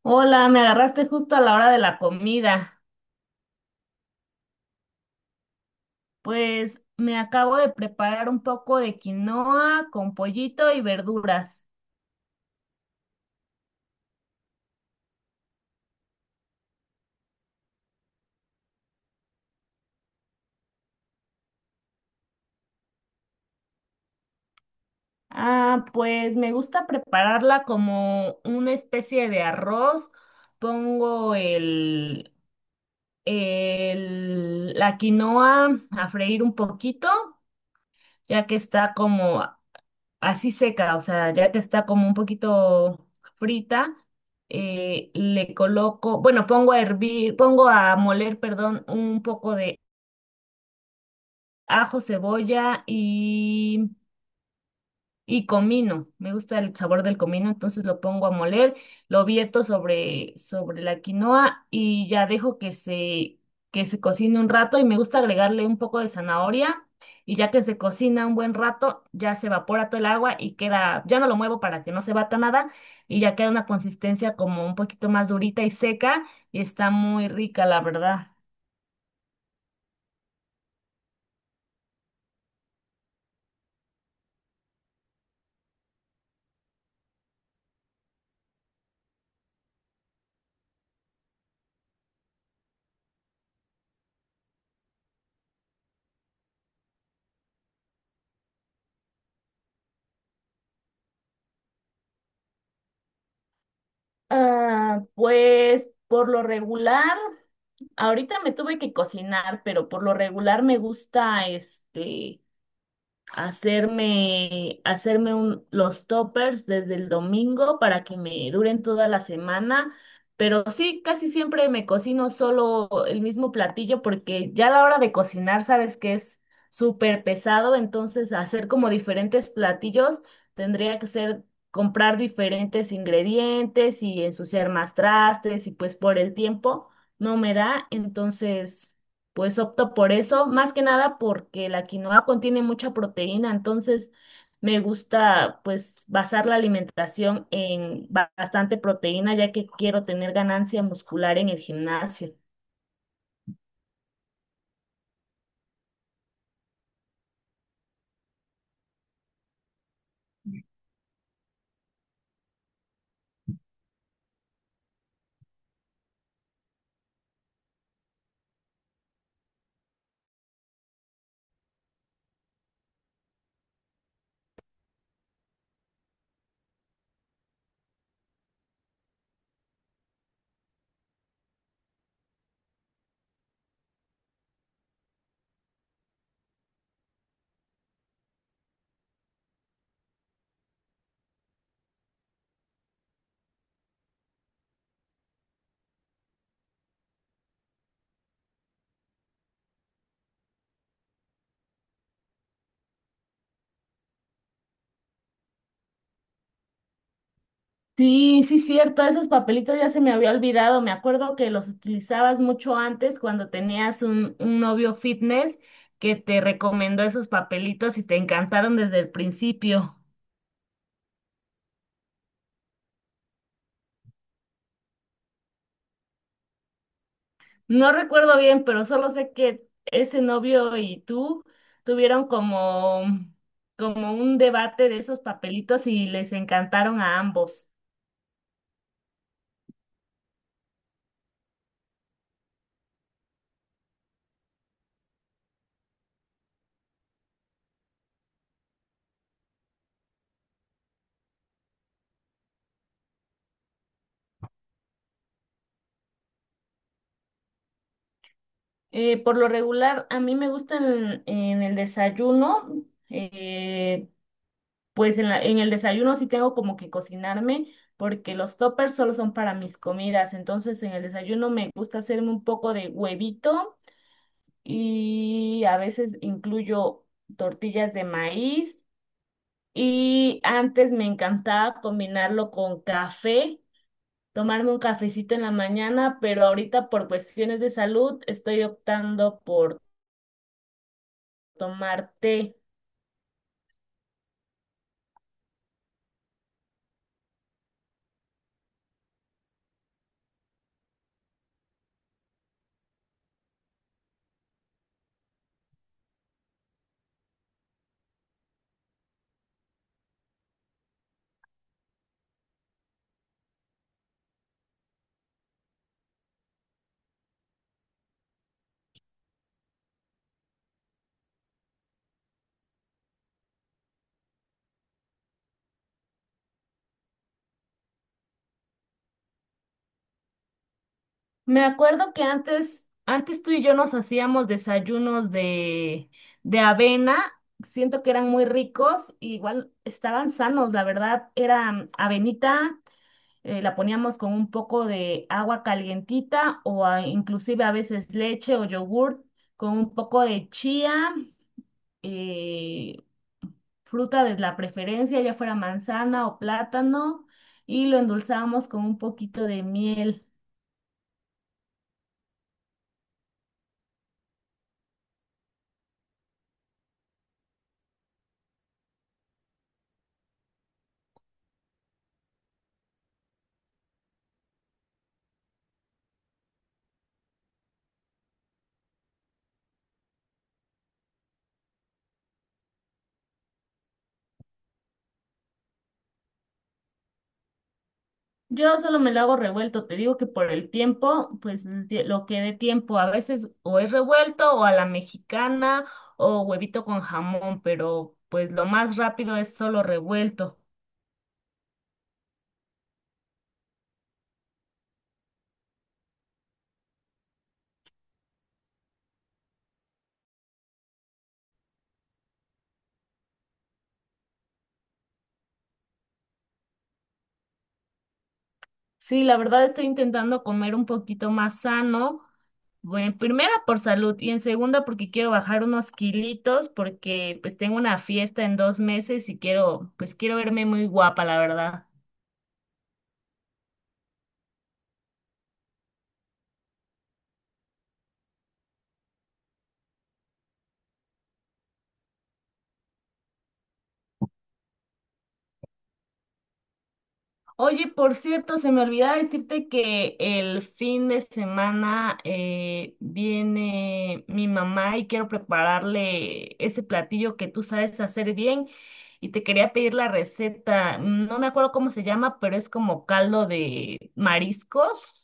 Hola, me agarraste justo a la hora de la comida. Pues me acabo de preparar un poco de quinoa con pollito y verduras. Ah, pues me gusta prepararla como una especie de arroz. Pongo la quinoa a freír un poquito, ya que está como así seca, o sea, ya que está como un poquito frita, le coloco, bueno, pongo a hervir, pongo a moler, perdón, un poco de ajo, cebolla y comino, me gusta el sabor del comino, entonces lo pongo a moler, lo vierto sobre la quinoa y ya dejo que se cocine un rato y me gusta agregarle un poco de zanahoria y ya que se cocina un buen rato, ya se evapora todo el agua y queda, ya no lo muevo para que no se bata nada y ya queda una consistencia como un poquito más durita y seca y está muy rica, la verdad. Ah, pues por lo regular, ahorita me tuve que cocinar, pero por lo regular me gusta este los toppers desde el domingo para que me duren toda la semana. Pero sí, casi siempre me cocino solo el mismo platillo porque ya a la hora de cocinar sabes que es súper pesado, entonces hacer como diferentes platillos tendría que ser comprar diferentes ingredientes y ensuciar más trastes y pues por el tiempo no me da, entonces pues opto por eso, más que nada porque la quinoa contiene mucha proteína, entonces me gusta pues basar la alimentación en bastante proteína, ya que quiero tener ganancia muscular en el gimnasio. Sí, sí, cierto, esos papelitos ya se me había olvidado. Me acuerdo que los utilizabas mucho antes cuando tenías un novio fitness que te recomendó esos papelitos y te encantaron desde el principio. No recuerdo bien, pero solo sé que ese novio y tú tuvieron como un debate de esos papelitos y les encantaron a ambos. Por lo regular, a mí me gustan en el desayuno, pues en en el desayuno sí tengo como que cocinarme porque los toppers solo son para mis comidas, entonces en el desayuno me gusta hacerme un poco de huevito y a veces incluyo tortillas de maíz. Y antes me encantaba combinarlo con café, tomarme un cafecito en la mañana, pero ahorita por cuestiones de salud estoy optando por tomar té. Me acuerdo que antes tú y yo nos hacíamos desayunos de avena. Siento que eran muy ricos, y igual estaban sanos, la verdad. Era avenita, la poníamos con un poco de agua calientita o inclusive a veces leche o yogur con un poco de chía, eh, fruta de la preferencia, ya fuera manzana o plátano, y lo endulzábamos con un poquito de miel. Yo solo me lo hago revuelto, te digo que por el tiempo, pues el lo que dé tiempo, a veces o es revuelto o a la mexicana o huevito con jamón, pero pues lo más rápido es solo revuelto. Sí, la verdad estoy intentando comer un poquito más sano, bueno, en primera por salud y en segunda porque quiero bajar unos kilitos porque pues tengo una fiesta en 2 meses y quiero, pues quiero verme muy guapa, la verdad. Oye, por cierto, se me olvidaba decirte que el fin de semana viene mi mamá y quiero prepararle ese platillo que tú sabes hacer bien y te quería pedir la receta. No me acuerdo cómo se llama, pero es como caldo de mariscos.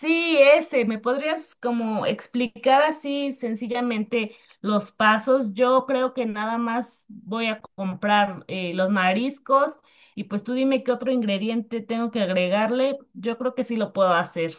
Sí, ese, ¿me podrías como explicar así sencillamente los pasos? Yo creo que nada más voy a comprar los mariscos y pues tú dime qué otro ingrediente tengo que agregarle. Yo creo que sí lo puedo hacer.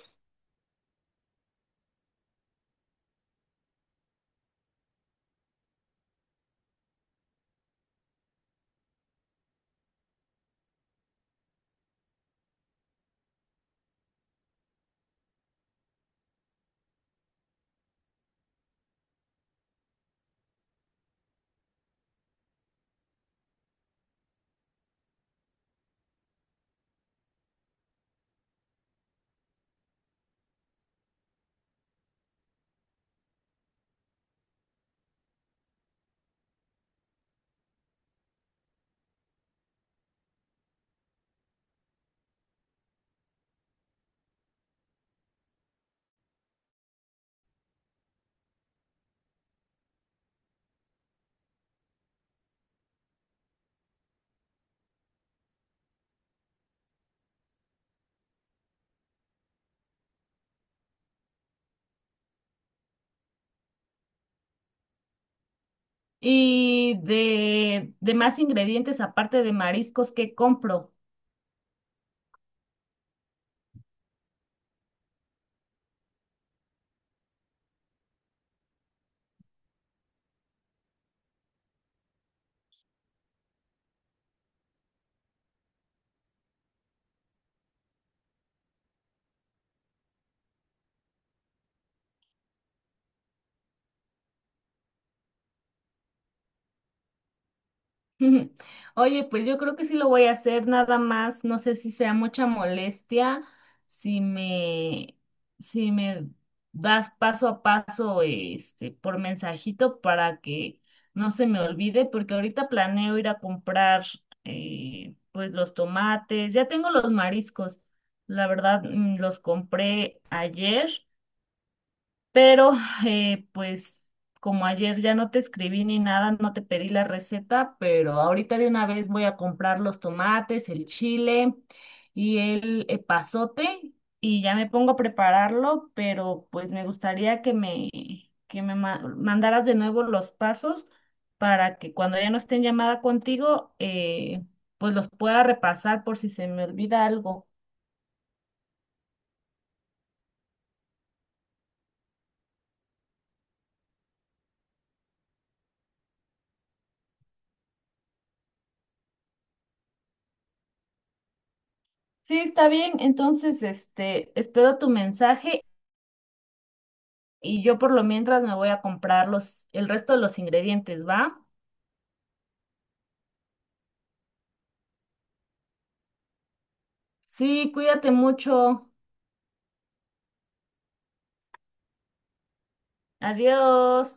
Y de más ingredientes aparte de mariscos, ¿qué compro? Oye, pues yo creo que sí lo voy a hacer, nada más, no sé si sea mucha molestia, si me, si me das paso a paso, este, por mensajito para que no se me olvide, porque ahorita planeo ir a comprar, pues los tomates, ya tengo los mariscos, la verdad, los compré ayer, pero pues como ayer ya no te escribí ni nada, no te pedí la receta, pero ahorita de una vez voy a comprar los tomates, el chile y el epazote y ya me pongo a prepararlo, pero pues me gustaría que me mandaras de nuevo los pasos para que cuando ya no esté en llamada contigo, pues los pueda repasar por si se me olvida algo. Sí, está bien. Entonces, este, espero tu mensaje y yo por lo mientras me voy a comprar los, el resto de los ingredientes, ¿va? Sí, cuídate mucho. Adiós.